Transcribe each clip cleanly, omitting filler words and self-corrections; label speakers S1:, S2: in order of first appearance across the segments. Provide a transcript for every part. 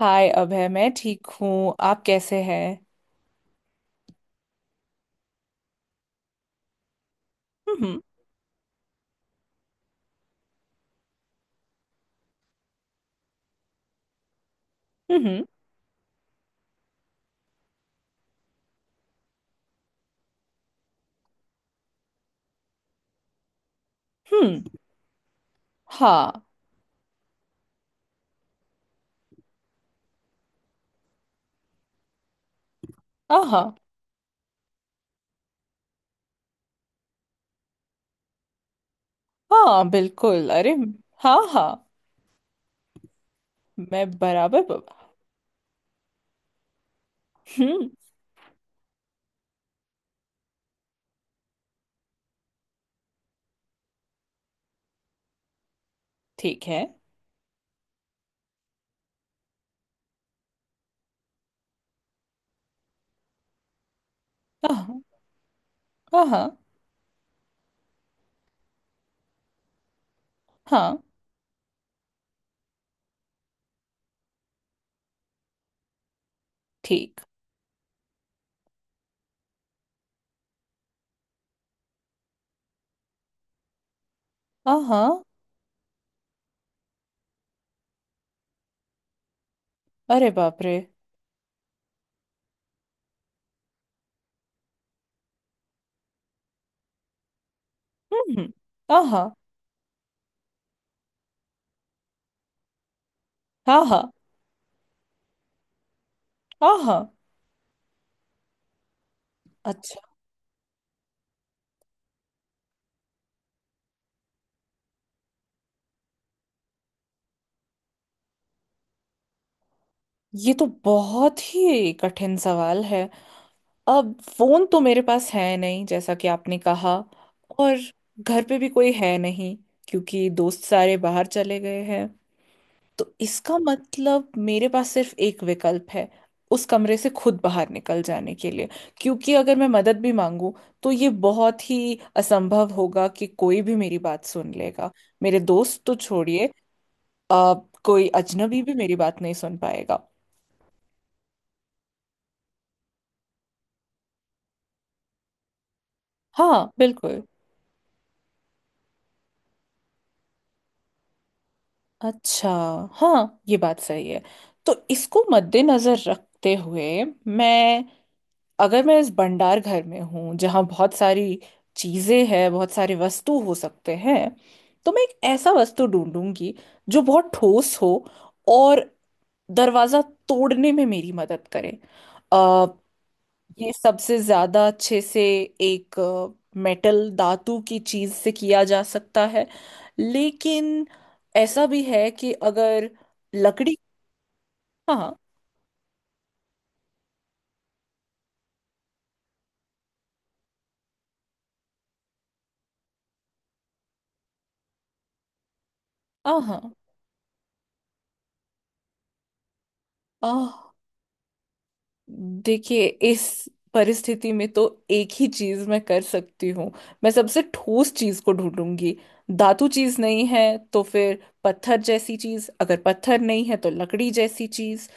S1: हाय अभय। मैं ठीक हूँ। आप कैसे हैं? हम्म। हम्म। हम्म। हाँ। आहा। हाँ, बिल्कुल। अरे। हाँ, हाँ। मैं बराबर ब- हम्म। ठीक है। आहा। आहा। हाँ। ठीक। आहा। अरे बाप रे। हम्म, हम्म। आहा। आहा। आहा। अच्छा। ये तो बहुत ही कठिन सवाल है। अब फोन तो मेरे पास है नहीं, जैसा कि आपने कहा। और घर पे भी कोई है नहीं, क्योंकि दोस्त सारे बाहर चले गए हैं। तो इसका मतलब मेरे पास सिर्फ एक विकल्प है उस कमरे से खुद बाहर निकल जाने के लिए। क्योंकि अगर मैं मदद भी मांगूं तो ये बहुत ही असंभव होगा कि कोई भी मेरी बात सुन लेगा। मेरे दोस्त तो छोड़िए, अब कोई अजनबी भी मेरी बात नहीं सुन पाएगा। हाँ, बिल्कुल। अच्छा। हाँ, ये बात सही है। तो इसको मद्देनजर रखते हुए मैं, अगर मैं इस भंडार घर में हूँ जहाँ बहुत सारी चीजें हैं, बहुत सारे वस्तु हो सकते हैं, तो मैं एक ऐसा वस्तु ढूंढूंगी जो बहुत ठोस हो और दरवाजा तोड़ने में मेरी मदद करे। ये सबसे ज्यादा अच्छे से एक मेटल, धातु की चीज से किया जा सकता है। लेकिन ऐसा भी है कि अगर लकड़ी... हाँ, हाँ, हाँ। आह, देखिए, इस परिस्थिति में तो एक ही चीज मैं कर सकती हूँ। मैं सबसे ठोस चीज को ढूंढूंगी। धातु चीज नहीं है तो फिर पत्थर जैसी चीज, अगर पत्थर नहीं है तो लकड़ी जैसी चीज,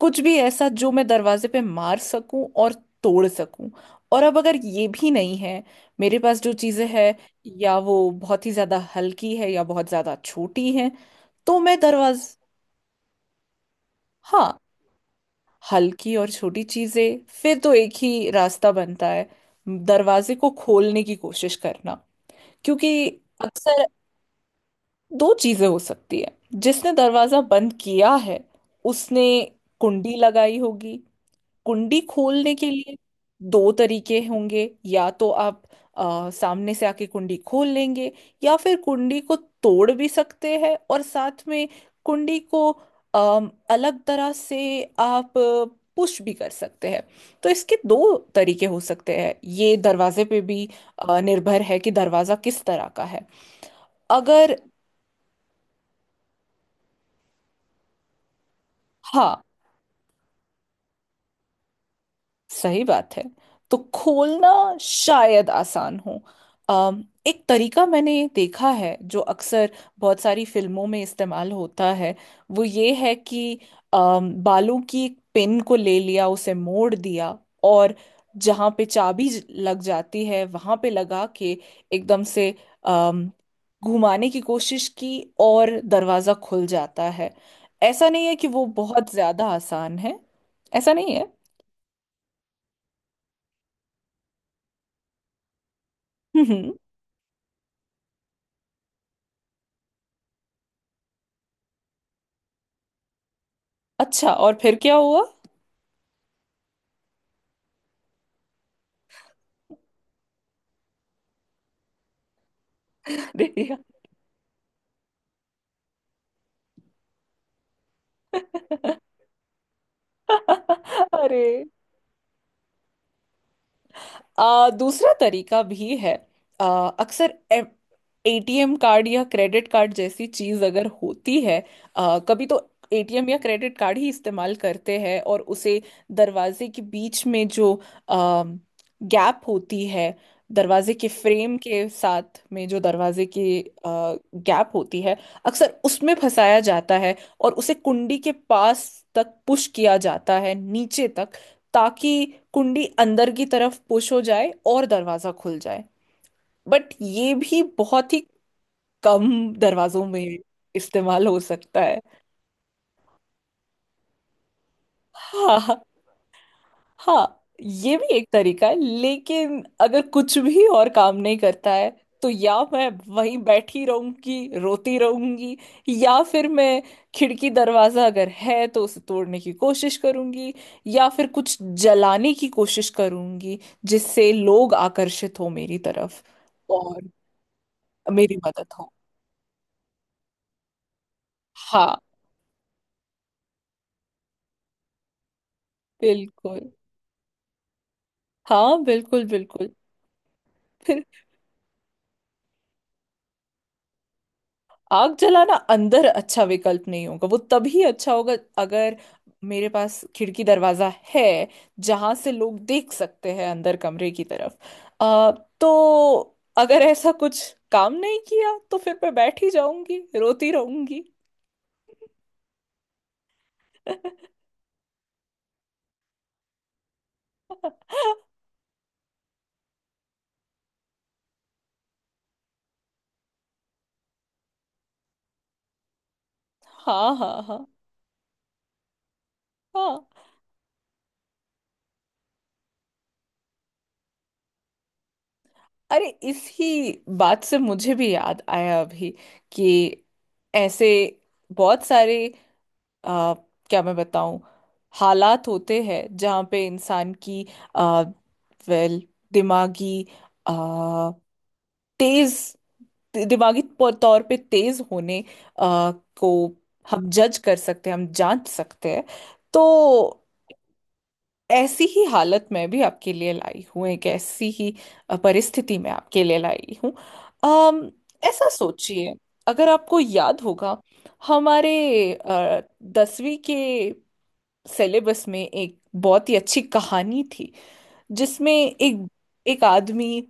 S1: कुछ भी ऐसा जो मैं दरवाजे पे मार सकूं और तोड़ सकूं। और अब अगर ये भी नहीं है, मेरे पास जो चीजें हैं या वो बहुत ही ज्यादा हल्की है या बहुत ज्यादा छोटी है, तो मैं दरवाज... हाँ, हल्की और छोटी चीजें फिर तो एक ही रास्ता बनता है, दरवाजे को खोलने की कोशिश करना। क्योंकि अक्सर दो चीजें हो सकती है। जिसने दरवाजा बंद किया है उसने कुंडी लगाई होगी। कुंडी खोलने के लिए दो तरीके होंगे, या तो आप सामने से आके कुंडी खोल लेंगे, या फिर कुंडी को तोड़ भी सकते हैं। और साथ में कुंडी को अलग तरह से आप पुश भी कर सकते हैं। तो इसके दो तरीके हो सकते हैं। ये दरवाजे पे भी निर्भर है कि दरवाजा किस तरह का है। अगर... हाँ, सही बात है। तो खोलना शायद आसान हो। एक तरीका मैंने देखा है जो अक्सर बहुत सारी फिल्मों में इस्तेमाल होता है। वो ये है कि बालों की एक पिन को ले लिया, उसे मोड़ दिया और जहाँ पे चाबी लग जाती है वहाँ पे लगा के एकदम से अम, घुमाने की कोशिश की और दरवाज़ा खुल जाता है। ऐसा नहीं है कि वो बहुत ज़्यादा आसान है। ऐसा नहीं है। अच्छा, और फिर क्या हुआ? दे दिया। अरे दूसरा तरीका भी है। आ, अक्सर एटीएम कार्ड या क्रेडिट कार्ड जैसी चीज अगर होती है, कभी तो एटीएम या क्रेडिट कार्ड ही इस्तेमाल करते हैं और उसे दरवाजे के बीच में जो आ, गैप होती है, दरवाजे के फ्रेम के साथ में जो दरवाजे की गैप होती है, अक्सर उसमें फंसाया जाता है और उसे कुंडी के पास तक पुश किया जाता है, नीचे तक, ताकि कुंडी अंदर की तरफ पुश हो जाए और दरवाजा खुल जाए। बट ये भी बहुत ही कम दरवाजों में इस्तेमाल हो सकता है। हाँ, हाँ। ये भी एक तरीका है, लेकिन अगर कुछ भी और काम नहीं करता है तो या मैं वहीं बैठी रहूंगी, रोती रहूंगी, या फिर मैं, खिड़की दरवाजा अगर है तो उसे तोड़ने की कोशिश करूंगी, या फिर कुछ जलाने की कोशिश करूंगी जिससे लोग आकर्षित हो मेरी तरफ और मेरी मदद हो। हाँ, बिल्कुल। हाँ, बिल्कुल, बिल्कुल। आग जलाना अंदर अच्छा विकल्प नहीं होगा। वो तभी अच्छा होगा अगर मेरे पास खिड़की दरवाजा है जहां से लोग देख सकते हैं अंदर कमरे की तरफ, आ, तो अगर ऐसा कुछ काम नहीं किया तो फिर मैं बैठ ही जाऊंगी, रोती रहूंगी। हाँ, हाँ, हाँ। हाँ, अरे, इसी बात से मुझे भी याद आया अभी कि ऐसे बहुत सारे आ, क्या मैं बताऊं, हालात होते हैं जहाँ पे इंसान की आ, वेल, दिमागी आ, तेज, दिमागी तौर पे तेज होने आ, को हम जज कर सकते हैं, हम जांच सकते हैं। तो ऐसी ही हालत में भी आपके लिए लाई हूँ, एक ऐसी ही परिस्थिति में आपके लिए लाई हूँ। अम, ऐसा सोचिए, अगर आपको याद होगा, हमारे आ, 10वीं के सिलेबस में एक बहुत ही अच्छी कहानी थी जिसमें एक एक आदमी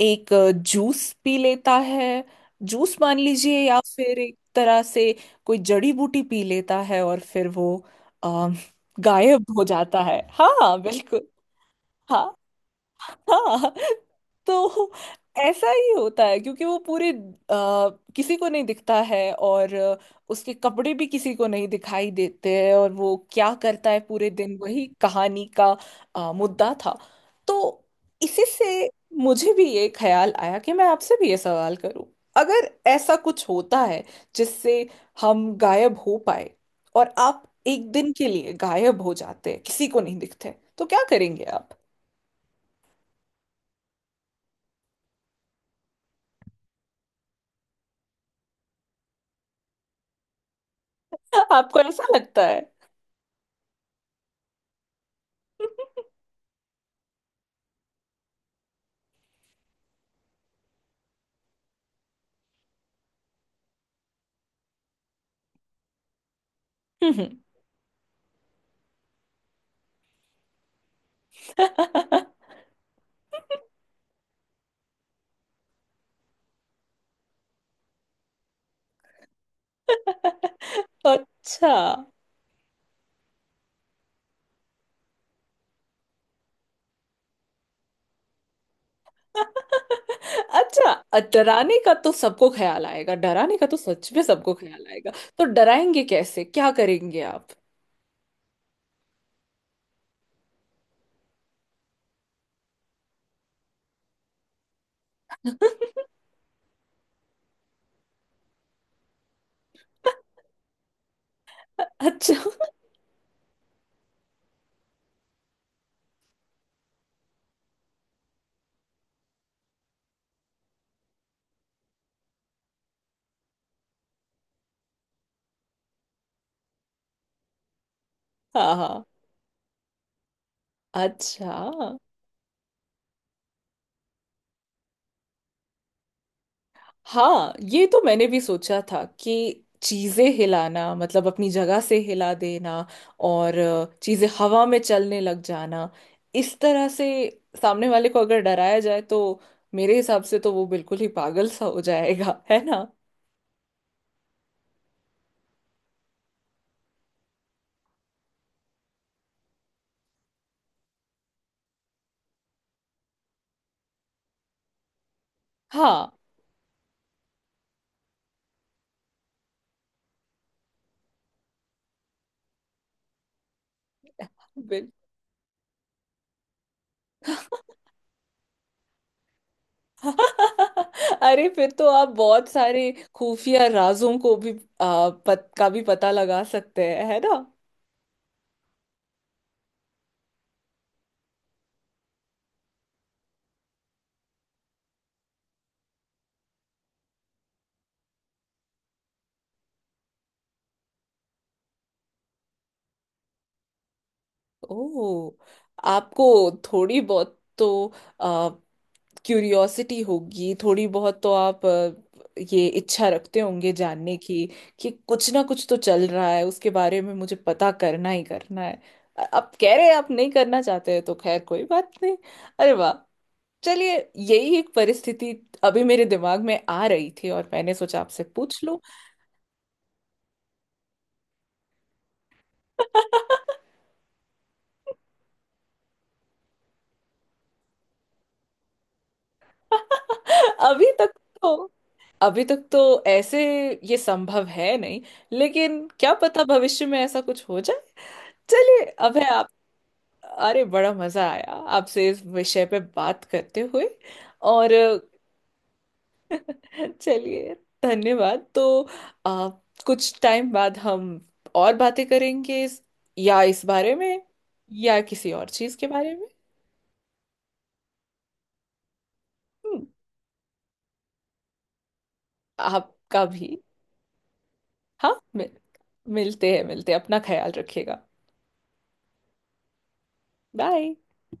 S1: एक जूस पी लेता है, जूस मान लीजिए, या फिर एक तरह से कोई जड़ी बूटी पी लेता है और फिर वो अ, गायब हो जाता है। हाँ, हाँ, बिल्कुल। हाँ। हाँ। तो ऐसा ही होता है क्योंकि वो पूरे किसी को नहीं दिखता है, और उसके कपड़े भी किसी को नहीं दिखाई देते हैं, और वो क्या करता है पूरे दिन, वही कहानी का मुद्दा था। तो इसी से मुझे भी ये ख्याल आया कि मैं आपसे भी ये सवाल करूं। अगर ऐसा कुछ होता है जिससे हम गायब हो पाए, और आप एक दिन के लिए गायब हो जाते हैं, किसी को नहीं दिखते, तो क्या करेंगे आप? आपको ऐसा लगता है? अच्छा। अच्छा, डराने का तो सबको ख्याल आएगा, डराने का तो सच में सबको ख्याल आएगा। तो डराएंगे कैसे, क्या करेंगे आप? अच्छा। हाँ, हाँ। अच्छा। हाँ, ये तो मैंने भी सोचा था कि चीजें हिलाना, मतलब अपनी जगह से हिला देना, और चीजें हवा में चलने लग जाना, इस तरह से सामने वाले को अगर डराया जाए तो मेरे हिसाब से तो वो बिल्कुल ही पागल सा हो जाएगा, है ना? हाँ बिल... अरे, फिर तो आप बहुत सारे खुफिया राजों को भी पत, का भी पता लगा सकते हैं, है ना? ओह, आपको थोड़ी बहुत तो क्यूरियोसिटी होगी, थोड़ी बहुत तो आप ये इच्छा रखते होंगे जानने की कि कुछ ना कुछ तो चल रहा है, उसके बारे में मुझे पता करना ही करना है। आप कह रहे हैं आप नहीं करना चाहते हैं तो खैर कोई बात नहीं। अरे वाह। चलिए। यही एक परिस्थिति अभी मेरे दिमाग में आ रही थी और मैंने सोचा आपसे पूछ लूं। अभी तक तो, अभी तक तो ऐसे ये संभव है नहीं, लेकिन क्या पता भविष्य में ऐसा कुछ हो जाए। चलिए, अब है। अरे, बड़ा मजा आया आपसे इस विषय पे बात करते हुए। और चलिए, धन्यवाद तो, अ, कुछ टाइम बाद हम और बातें करेंगे इस, या इस बारे में, या किसी और चीज के बारे में। हम्म। आपका भी। हाँ मिल, मिलते हैं, मिलते हैं, अपना ख्याल रखिएगा। बाय।